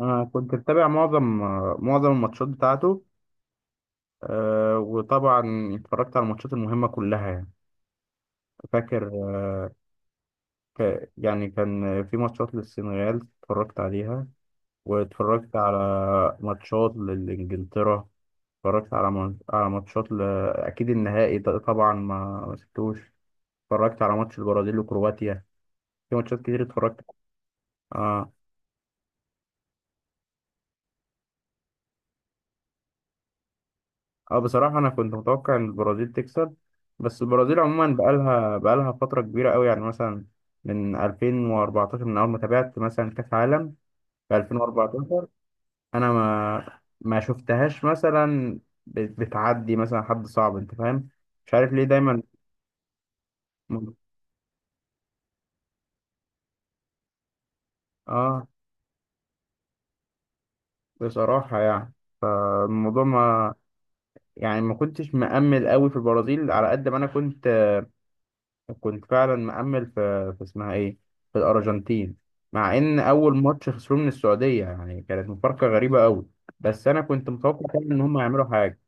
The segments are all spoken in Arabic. أنا كنت متابع معظم الماتشات بتاعته. وطبعا اتفرجت على الماتشات المهمة كلها يعني. فاكر. يعني كان في ماتشات للسنغال اتفرجت عليها، واتفرجت على ماتشات لإنجلترا، اتفرجت على على ماتشات أكيد النهائي طبعا ما سبتوش. اتفرجت على ماتش البرازيل وكرواتيا. في ماتشات كتير اتفرجت. آه، اه، بصراحة أنا كنت متوقع إن البرازيل تكسب، بس البرازيل عموما بقالها فترة كبيرة أوي، يعني مثلا من 2014، من أول ما تابعت مثلا كأس عالم في 2014. أنا ما شفتهاش مثلا، بتعدي مثلا حد صعب، أنت فاهم؟ مش عارف ليه دايما. م- اه بصراحة يعني، فالموضوع ما يعني ما كنتش مأمل أوي في البرازيل على قد ما أنا كنت فعلا مأمل في اسمها ايه، في الأرجنتين. مع ان اول ماتش خسروه من السعودية، يعني كانت مفارقة غريبة قوي، بس انا كنت متوقع فعلا ان هم يعملوا حاجة.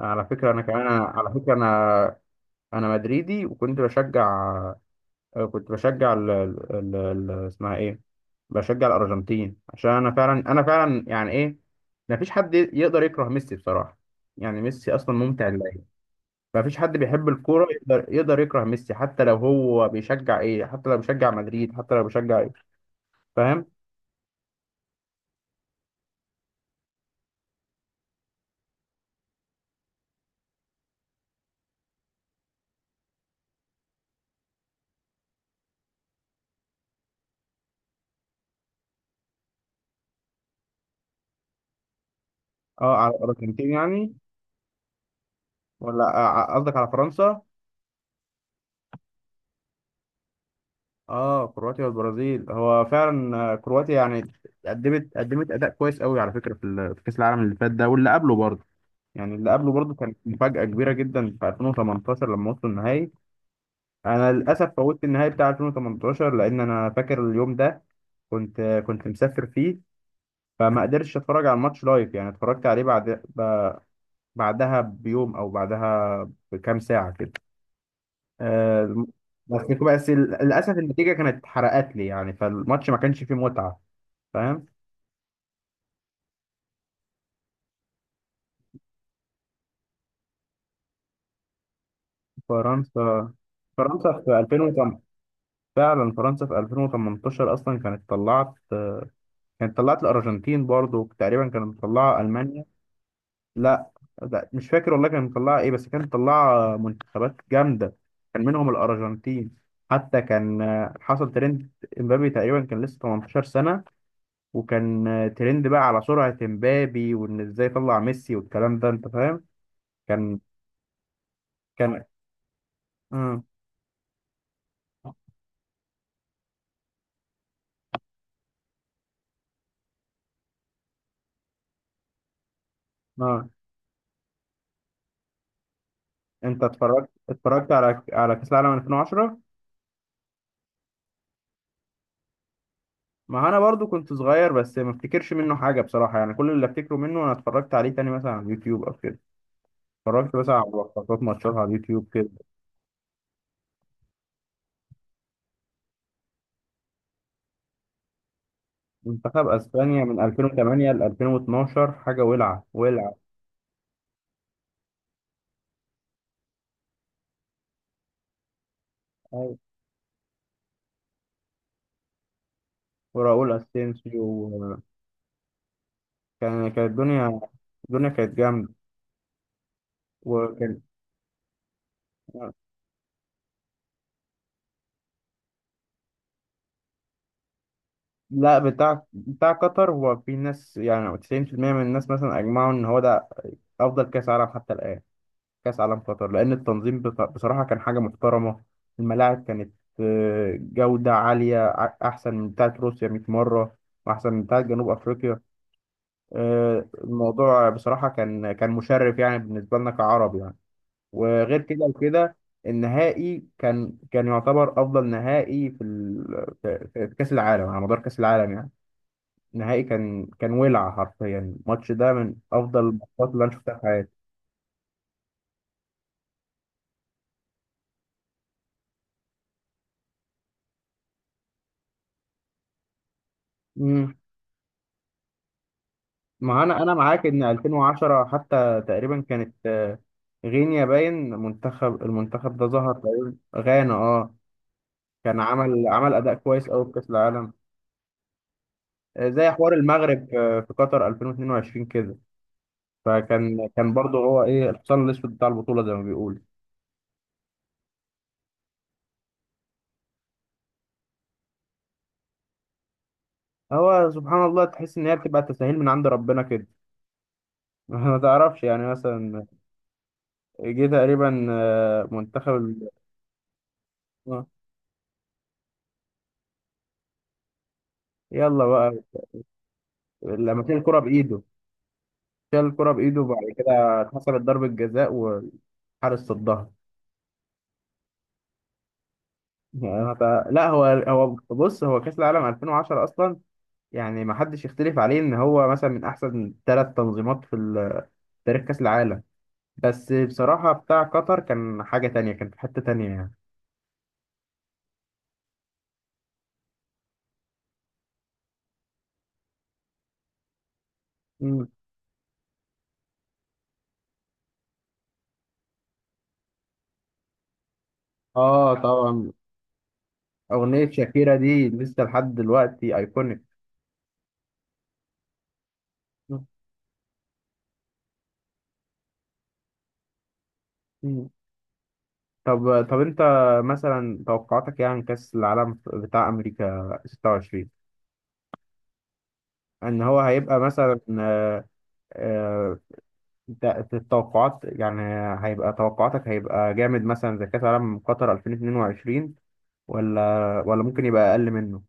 على فكرة انا كمان، على فكرة انا مدريدي، وكنت بشجع. كنت بشجع اسمها ايه، بشجع الأرجنتين، عشان انا فعلا، انا فعلا يعني ايه، مفيش حد يقدر يكره ميسي بصراحة. يعني ميسي اصلا ممتع للعين. ما فيش حد بيحب الكورة يقدر، يقدر يكره ميسي، حتى لو هو بيشجع ايه، حتى لو بيشجع مدريد، حتى لو بيشجع ايه، فاهم؟ اه، على الارجنتين يعني. ولا قصدك على فرنسا. اه، كرواتيا والبرازيل، هو فعلا، كرواتيا يعني قدمت اداء كويس قوي على فكرة في في كأس العالم اللي فات ده واللي قبله برضه. يعني اللي قبله برضه كانت مفاجأة كبيرة جدا في 2018 لما وصلوا النهائي. انا للاسف فوتت النهائي بتاع 2018، لان انا فاكر اليوم ده كنت كنت مسافر فيه، فما قدرتش اتفرج على الماتش لايف. يعني اتفرجت عليه بعد، ب- بعدها بيوم او بعدها بكام ساعه كده. آه، بس، بس، النتيجه كانت اتحرقت لي، يعني فالماتش ما كانش فيه متعه، فاهم؟ فرنسا فرنسا في 2008. فعلا فرنسا في 2018 اصلا كانت طلعت. كانت طلعت الارجنتين برضو، تقريبا كانت مطلعه المانيا. لا لا، مش فاكر والله، كان مطلعه ايه، بس كان مطلعه منتخبات جامده، كان منهم الارجنتين. حتى كان حصل ترند، امبابي تقريبا كان لسه 18 سنه، وكان ترند بقى على سرعه امبابي، وان ازاي طلع ميسي والكلام ده، انت فاهم؟ كان كان اه اه انت اتفرجت على كاس العالم 2010؟ ما انا برضو كنت صغير، بس ما افتكرش منه حاجه بصراحه. يعني كل اللي افتكره منه، انا اتفرجت عليه تاني مثلا على اليوتيوب او كده. اتفرجت مثلا على لقطات ماتشات على اليوتيوب كده. منتخب اسبانيا من 2008 ل 2012، حاجه ولعه ولعه. أي، وراؤول اسينسيو كان كانت الدنيا الدنيا كانت جامده. وكان لا، بتاع قطر هو، في ناس يعني 90% من الناس مثلا اجمعوا ان هو ده افضل كاس عالم حتى الان. كاس عالم قطر، لان التنظيم بصراحه كان حاجه محترمه. الملاعب كانت جوده عاليه احسن من بتاعه روسيا 100 مره، واحسن من بتاعه جنوب افريقيا. الموضوع بصراحة كان مشرف يعني، بالنسبة لنا كعرب يعني. وغير كده وكده. النهائي كان يعتبر أفضل نهائي في ال... في في كأس العالم على مدار كأس العالم يعني. النهائي كان ولع حرفيا، الماتش ده من أفضل الماتشات اللي أنا شفتها في حياتي. امم ما أنا معاك إن 2010 حتى تقريبا كانت. غينيا، باين المنتخب ده ظهر تقريبا، غانا. اه كان عمل أداء كويس أوي في كأس العالم، زي حوار المغرب في قطر 2022 كده. فكان برضه هو ايه، الحصان الاسود بتاع البطوله زي ما بيقول. هو سبحان الله، تحس ان هي بتبقى تساهيل من عند ربنا كده. ما تعرفش يعني مثلا، جه تقريبا منتخب آه، يلا بقى، لما شال الكره بايده وبعد كده اتحسبت ضربه جزاء والحارس صدها. يعني لا، هو هو بص كاس العالم 2010 اصلا يعني، ما حدش يختلف عليه ان هو مثلا من احسن ثلاث تنظيمات في تاريخ كأس العالم، بس بصراحة بتاع قطر كان حاجة تانية، كان في حتة تانية يعني. مم. اه طبعا، أغنية شاكيرا دي لسه لحد دلوقتي أيكونيك. مم. طب طب، أنت مثلا توقعاتك يعني كأس العالم بتاع أمريكا 26، إن هو هيبقى مثلا، آه، التوقعات يعني، هيبقى توقعاتك هيبقى جامد مثلا زي كأس العالم قطر 2022، ولا ممكن يبقى أقل منه؟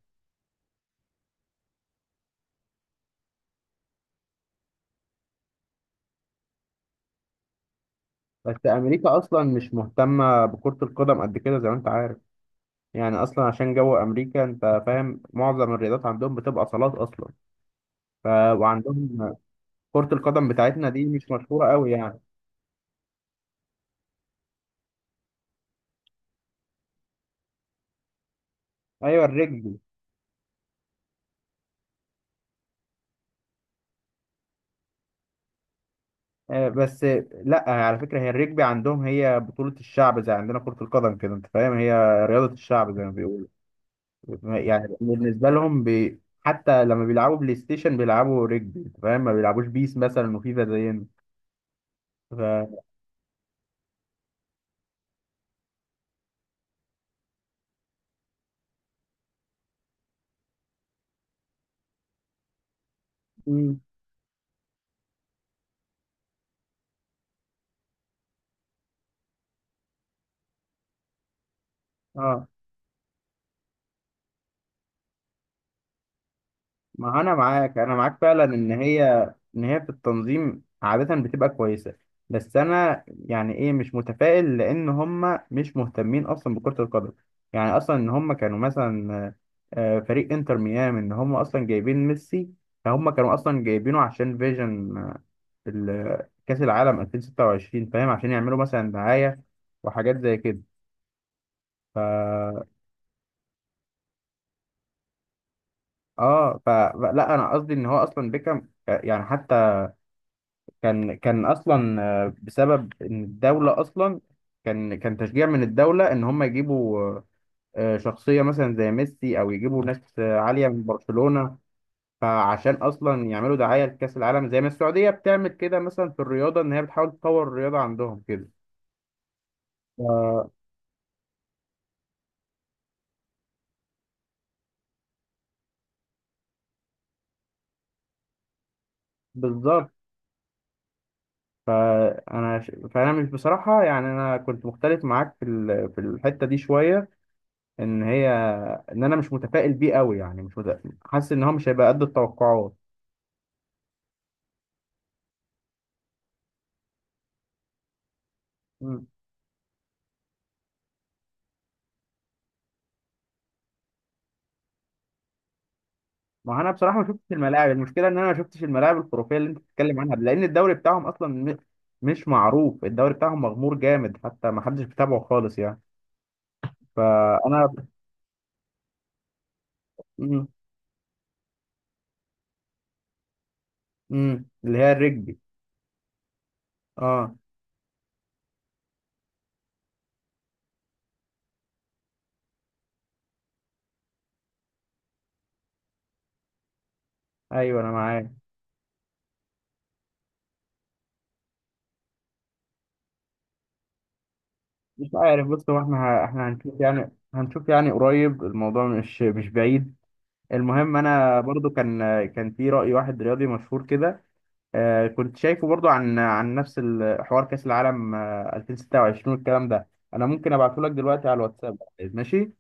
بس امريكا اصلا مش مهتمه بكره القدم قد كده، زي ما انت عارف. يعني اصلا عشان جو امريكا، انت فاهم، معظم الرياضات عندهم بتبقى صالات اصلا. ف... وعندهم كره القدم بتاعتنا دي مش مشهوره قوي يعني. ايوه، الرجبي. بس لا، على فكره، هي الرجبي عندهم هي بطوله الشعب، زي عندنا كره القدم كده، انت فاهم، هي رياضه الشعب زي ما بيقولوا. يعني بالنسبه لهم حتى لما بيلعبوا بلاي ستيشن بيلعبوا رجبي، انت فاهم، ما بيلعبوش بيس مثلا وفيفا زينا. ف... مم. اه، ما هو انا معاك، انا معاك فعلا ان هي، ان هي في التنظيم عادة بتبقى كويسة، بس انا يعني ايه مش متفائل، لان هم مش مهتمين اصلا بكرة القدم. يعني اصلا ان هم كانوا مثلا فريق انتر ميامي، ان هم اصلا جايبين ميسي، فهم كانوا اصلا جايبينه عشان فيجن كأس العالم 2026، فاهم، عشان يعملوا مثلا دعاية وحاجات زي كده. ف اه ف لا، انا قصدي ان هو اصلا بيكهام يعني، كان اصلا بسبب ان الدوله اصلا، كان تشجيع من الدوله ان هم يجيبوا شخصيه مثلا زي ميسي، او يجيبوا ناس عاليه من برشلونه، فعشان اصلا يعملوا دعايه لكاس العالم، زي ما السعوديه بتعمل كده مثلا في الرياضه، ان هي بتحاول تطور الرياضه عندهم كده. ف- بالظبط. فانا فانا مش بصراحه، يعني انا كنت مختلف معاك في في الحته دي شويه، ان هي ان انا مش متفائل بيه قوي، يعني مش حاسس ان هو مش هيبقى قد التوقعات. ما انا بصراحه ما شفتش الملاعب، المشكله ان انا ما شفتش الملاعب الخرافيه اللي انت بتتكلم عنها، لان الدوري بتاعهم اصلا مش معروف، الدوري بتاعهم مغمور جامد، حتى ما حدش بيتابعه خالص يعني. فانا. مم. مم. اللي هي الرجبي. اه، ايوه انا معاك. مش عارف، بص، هو احنا احنا هنشوف يعني، هنشوف يعني قريب الموضوع، مش بعيد. المهم انا برضو كان في رأي واحد رياضي مشهور كده، كنت شايفه برضو عن نفس حوار كأس العالم 2026 والكلام ده. انا ممكن ابعته لك دلوقتي على الواتساب، طيب، ماشي؟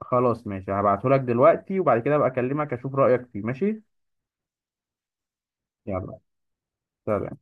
خلاص ماشي، هبعته لك دلوقتي، وبعد كده ابقى اكلمك اشوف رأيك فيه، ماشي؟ يلا، سلام.